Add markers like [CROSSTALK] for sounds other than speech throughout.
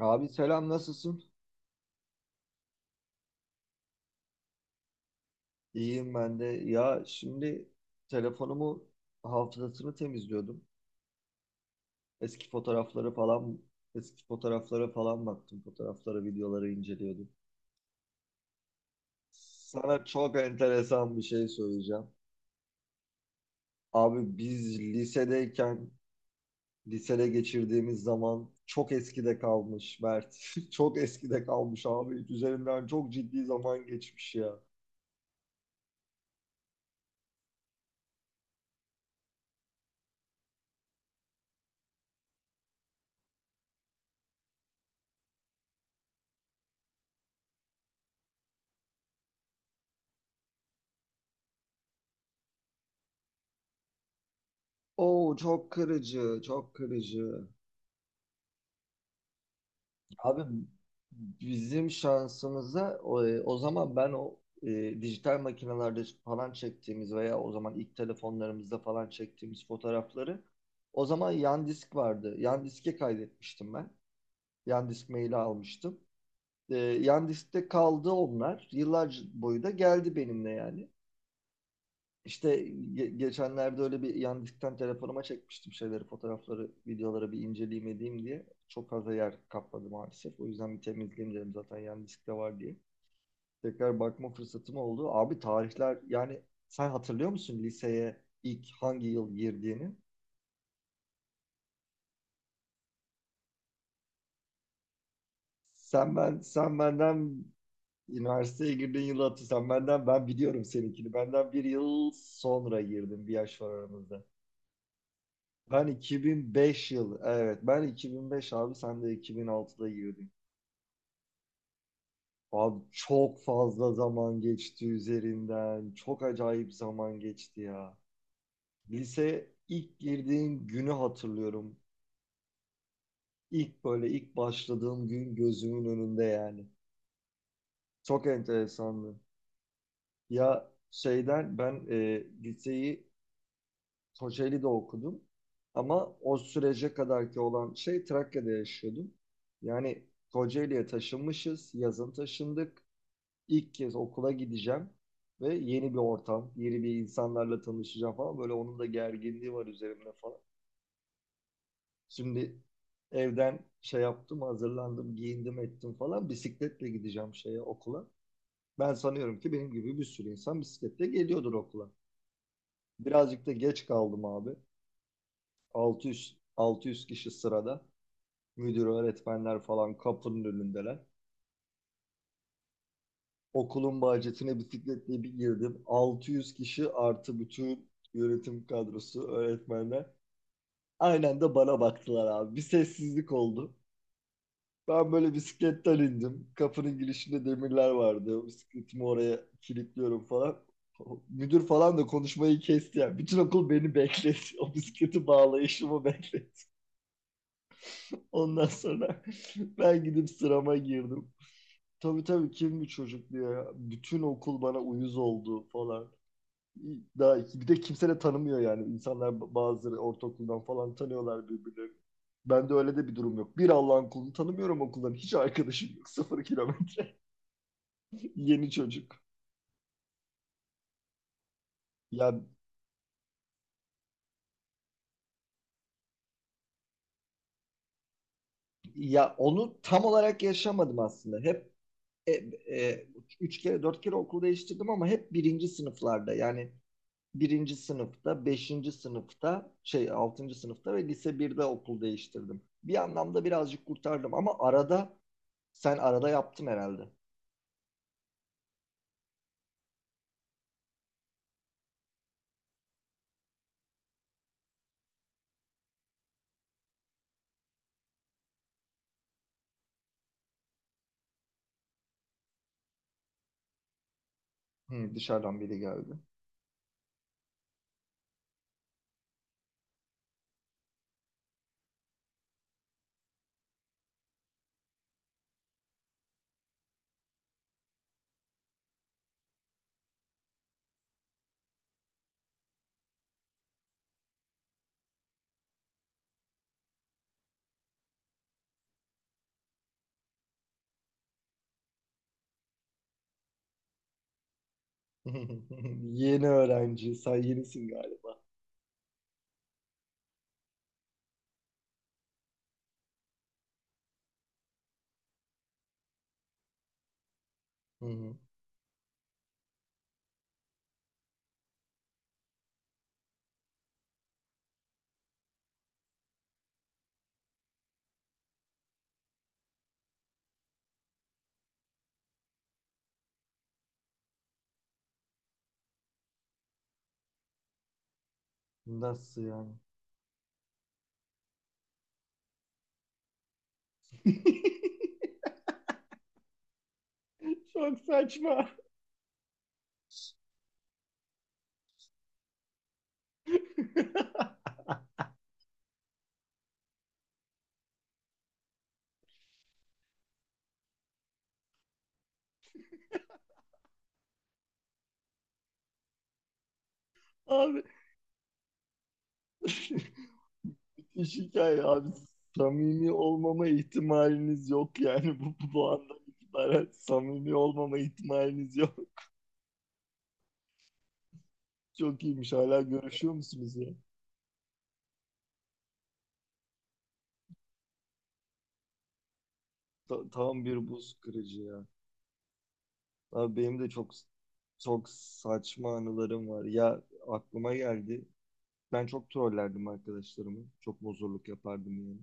Abi selam, nasılsın? İyiyim ben de. Ya şimdi telefonumu hafızasını temizliyordum. Eski fotoğrafları falan eski fotoğraflara falan baktım. Fotoğraflara, videoları inceliyordum. Sana çok enteresan bir şey söyleyeceğim. Abi biz lisedeyken lisede geçirdiğimiz zaman çok eskide kalmış Mert. [LAUGHS] Çok eskide kalmış abi. Üzerinden çok ciddi zaman geçmiş ya. Oo, çok kırıcı, çok kırıcı. Abi bizim şansımıza o zaman ben dijital makinelerde falan çektiğimiz veya o zaman ilk telefonlarımızda falan çektiğimiz fotoğrafları o zaman yan disk vardı. Yan diske kaydetmiştim ben. Yan disk maili almıştım. Yan diskte kaldı onlar. Yıllar boyu da geldi benimle yani. İşte geçenlerde öyle bir yandıktan telefonuma çekmiştim şeyleri, fotoğrafları, videoları bir inceleyeyim edeyim diye. Çok fazla yer kapladı maalesef. O yüzden bir temizleyeyim dedim zaten yan diskte var diye. Tekrar bakma fırsatım oldu. Abi tarihler yani, sen hatırlıyor musun liseye ilk hangi yıl girdiğini? Sen benden üniversiteye girdiğin yılı hatır. Sen benden, ben biliyorum seninkini. Benden 1 yıl sonra girdim. 1 yaş var aramızda. Ben 2005 abi, sen de 2006'da girdin. Abi çok fazla zaman geçti üzerinden. Çok acayip zaman geçti ya. Lise ilk girdiğim günü hatırlıyorum. İlk başladığım gün gözümün önünde yani. Çok enteresandı. Ya şeyden ben liseyi Kocaeli'de okudum. Ama o sürece kadarki olan şey Trakya'da yaşıyordum. Yani Kocaeli'ye taşınmışız, yazın taşındık. İlk kez okula gideceğim ve yeni bir ortam, yeni bir insanlarla tanışacağım falan. Böyle onun da gerginliği var üzerimde falan. Şimdi evden şey yaptım, hazırlandım, giyindim ettim falan. Bisikletle gideceğim şeye okula. Ben sanıyorum ki benim gibi bir sürü insan bisikletle geliyordur okula. Birazcık da geç kaldım abi. 600 kişi sırada. Müdür, öğretmenler falan kapının önündeler. Okulun bahçesine bisikletle bir girdim. 600 kişi artı bütün yönetim kadrosu, öğretmenler. Aynen de bana baktılar abi. Bir sessizlik oldu. Ben böyle bisikletten indim. Kapının girişinde demirler vardı. Bisikletimi oraya kilitliyorum falan. Müdür falan da konuşmayı kesti yani. Bütün okul beni bekletti. O bisikleti bağlayışımı bekletti. Ondan sonra [LAUGHS] ben gidip sırama girdim. Tabii tabii, kim bir çocuk diyor ya. Bütün okul bana uyuz oldu falan. Daha iki. Bir de kimse de tanımıyor yani. İnsanlar bazıları ortaokuldan falan tanıyorlar birbirlerini. Ben de öyle de bir durum yok. Bir Allah'ın kulunu tanımıyorum okuldan. Hiç arkadaşım yok. Sıfır kilometre. [LAUGHS] Yeni çocuk. Ya ya onu tam olarak yaşamadım aslında. Hep e, e, üç kere dört kere okul değiştirdim ama hep birinci sınıflarda. Yani birinci sınıfta, beşinci sınıfta, şey altıncı sınıfta ve lise birde okul değiştirdim. Bir anlamda birazcık kurtardım ama arada sen arada yaptın herhalde. Hı, dışarıdan biri geldi. [LAUGHS] Yeni öğrenci, sen yenisin galiba. Hı hı. Nasıl yani? [LAUGHS] Çok saçma. [LAUGHS] Abi [LAUGHS] müthiş hikaye abi. Samimi olmama ihtimaliniz yok yani bu andan itibaren samimi olmama ihtimaliniz yok. Çok iyiymiş. Hala görüşüyor musunuz ya? Tam bir buz kırıcı ya. Abi benim de çok çok saçma anılarım var. Ya, aklıma geldi. Ben çok trollerdim arkadaşlarımı. Çok bozurluk yapardım yani.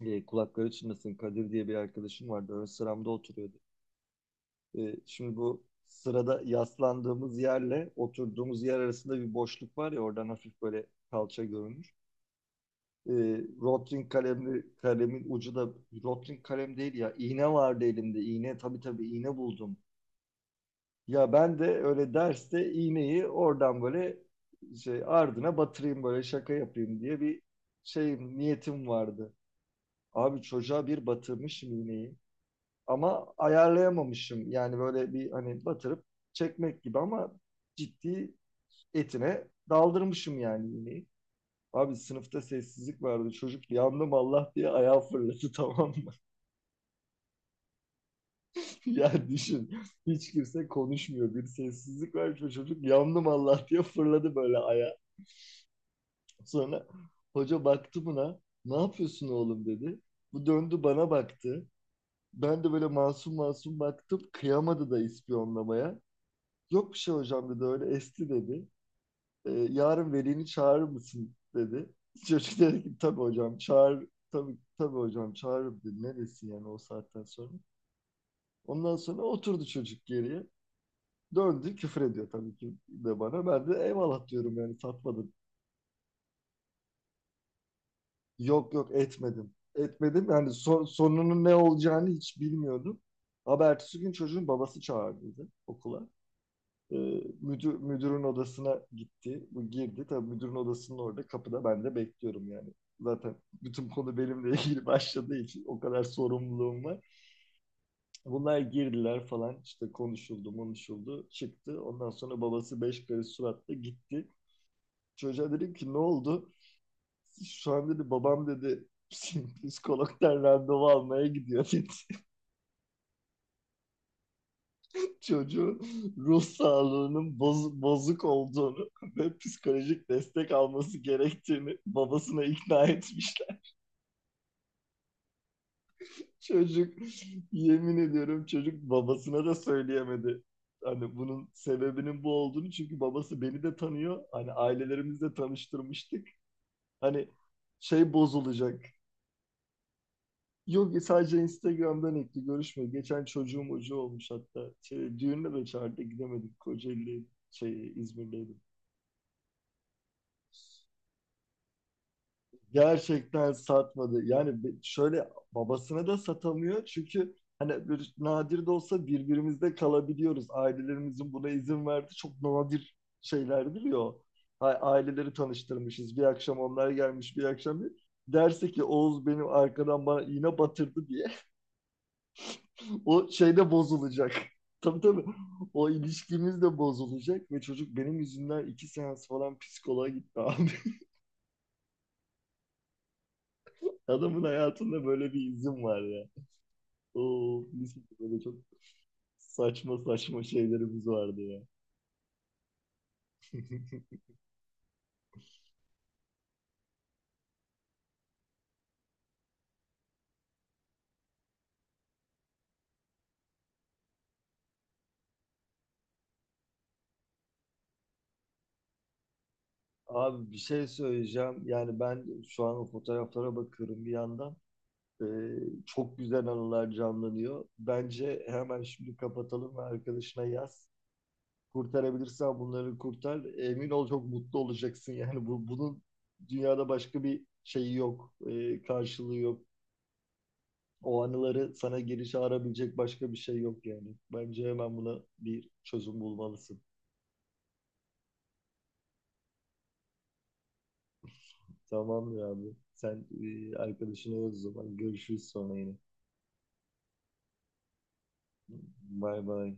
E, kulakları çınlasın, Kadir diye bir arkadaşım vardı. Ön sıramda oturuyordu. E, şimdi bu sırada yaslandığımız yerle oturduğumuz yer arasında bir boşluk var ya, oradan hafif böyle kalça görünür. E, Rotring kalemli, kalemin ucu da Rotring kalem değil ya. İğne vardı elimde. İğne tabii tabii iğne buldum. Ya ben de öyle derste iğneyi oradan böyle şey ardına batırayım, böyle şaka yapayım diye bir şey niyetim vardı. Abi çocuğa bir batırmışım iğneyi ama ayarlayamamışım. Yani böyle bir, hani batırıp çekmek gibi ama ciddi etine daldırmışım yani iğneyi. Abi sınıfta sessizlik vardı. Çocuk yandım Allah diye ayağı fırladı, tamam mı? [LAUGHS] Ya düşün. Hiç kimse konuşmuyor. Bir sessizlik var. Çocuk yandım Allah diye fırladı böyle ayağı. Sonra hoca baktı buna. Ne yapıyorsun oğlum dedi. Bu döndü bana baktı. Ben de böyle masum masum baktım. Kıyamadı da ispiyonlamaya. Yok bir şey hocam dedi, öyle esti dedi. E, yarın velini çağırır mısın dedi. [LAUGHS] Çocuk dedi ki, tabii hocam çağır, tabii tabii hocam çağırırım dedi. Neresi yani o saatten sonra. Ondan sonra oturdu çocuk geriye. Döndü küfür ediyor tabii ki de bana. Ben de eyvallah diyorum yani, satmadım. Yok yok, etmedim. Etmedim yani sonunun ne olacağını hiç bilmiyordum. Ama ertesi gün çocuğun babası çağırdı okula. E, Müdürün odasına gitti. Bu girdi. Tabii müdürün odasının orada kapıda ben de bekliyorum yani. Zaten bütün konu benimle [LAUGHS] ilgili başladığı için o kadar sorumluluğum var. Bunlar girdiler falan, işte konuşuldu konuşuldu çıktı. Ondan sonra babası 5 karış suratla gitti. Çocuğa dedim ki ne oldu? Şu an dedi babam dedi [LAUGHS] psikologdan randevu almaya gidiyor dedi. Çocuğu ruh sağlığının bozuk olduğunu ve psikolojik destek alması gerektiğini babasına ikna etmişler. Çocuk, yemin ediyorum çocuk babasına da söyleyemedi. Hani bunun sebebinin bu olduğunu, çünkü babası beni de tanıyor. Hani ailelerimizle tanıştırmıştık. Hani şey bozulacak. Yok, sadece Instagram'dan ekli görüşme. Geçen çocuğum ucu olmuş hatta. Şey, düğününe de çağırdı gidemedik. Kocaeli, şey İzmir'deydi. Gerçekten satmadı. Yani şöyle babasına da satamıyor. Çünkü hani bir, nadir de olsa birbirimizde kalabiliyoruz. Ailelerimizin buna izin verdi. Çok nadir şeylerdir ya o. Aileleri tanıştırmışız. Bir akşam onlar gelmiş, bir akşam bir. Derse ki Oğuz benim arkadan bana iğne batırdı diye. [LAUGHS] O şeyde bozulacak. [LAUGHS] Tabii tabii. O ilişkimiz de bozulacak ve çocuk benim yüzümden 2 seans falan psikoloğa gitti abi. [LAUGHS] Adamın hayatında böyle bir izin var ya. Oo, mis gibi böyle çok saçma saçma şeylerimiz vardı ya. [LAUGHS] Abi bir şey söyleyeceğim. Yani ben şu an o fotoğraflara bakıyorum bir yandan. Ee, Çok güzel anılar canlanıyor. Bence hemen şimdi kapatalım ve arkadaşına yaz. Kurtarabilirsen bunları kurtar. Emin ol çok mutlu olacaksın. Yani bunun dünyada başka bir şeyi yok. Karşılığı yok. O anıları sana geri çağırabilecek başka bir şey yok yani. Bence hemen buna bir çözüm bulmalısın. Tamamdır abi. Sen arkadaşına yaz o zaman. Görüşürüz sonra yine. Bay bay.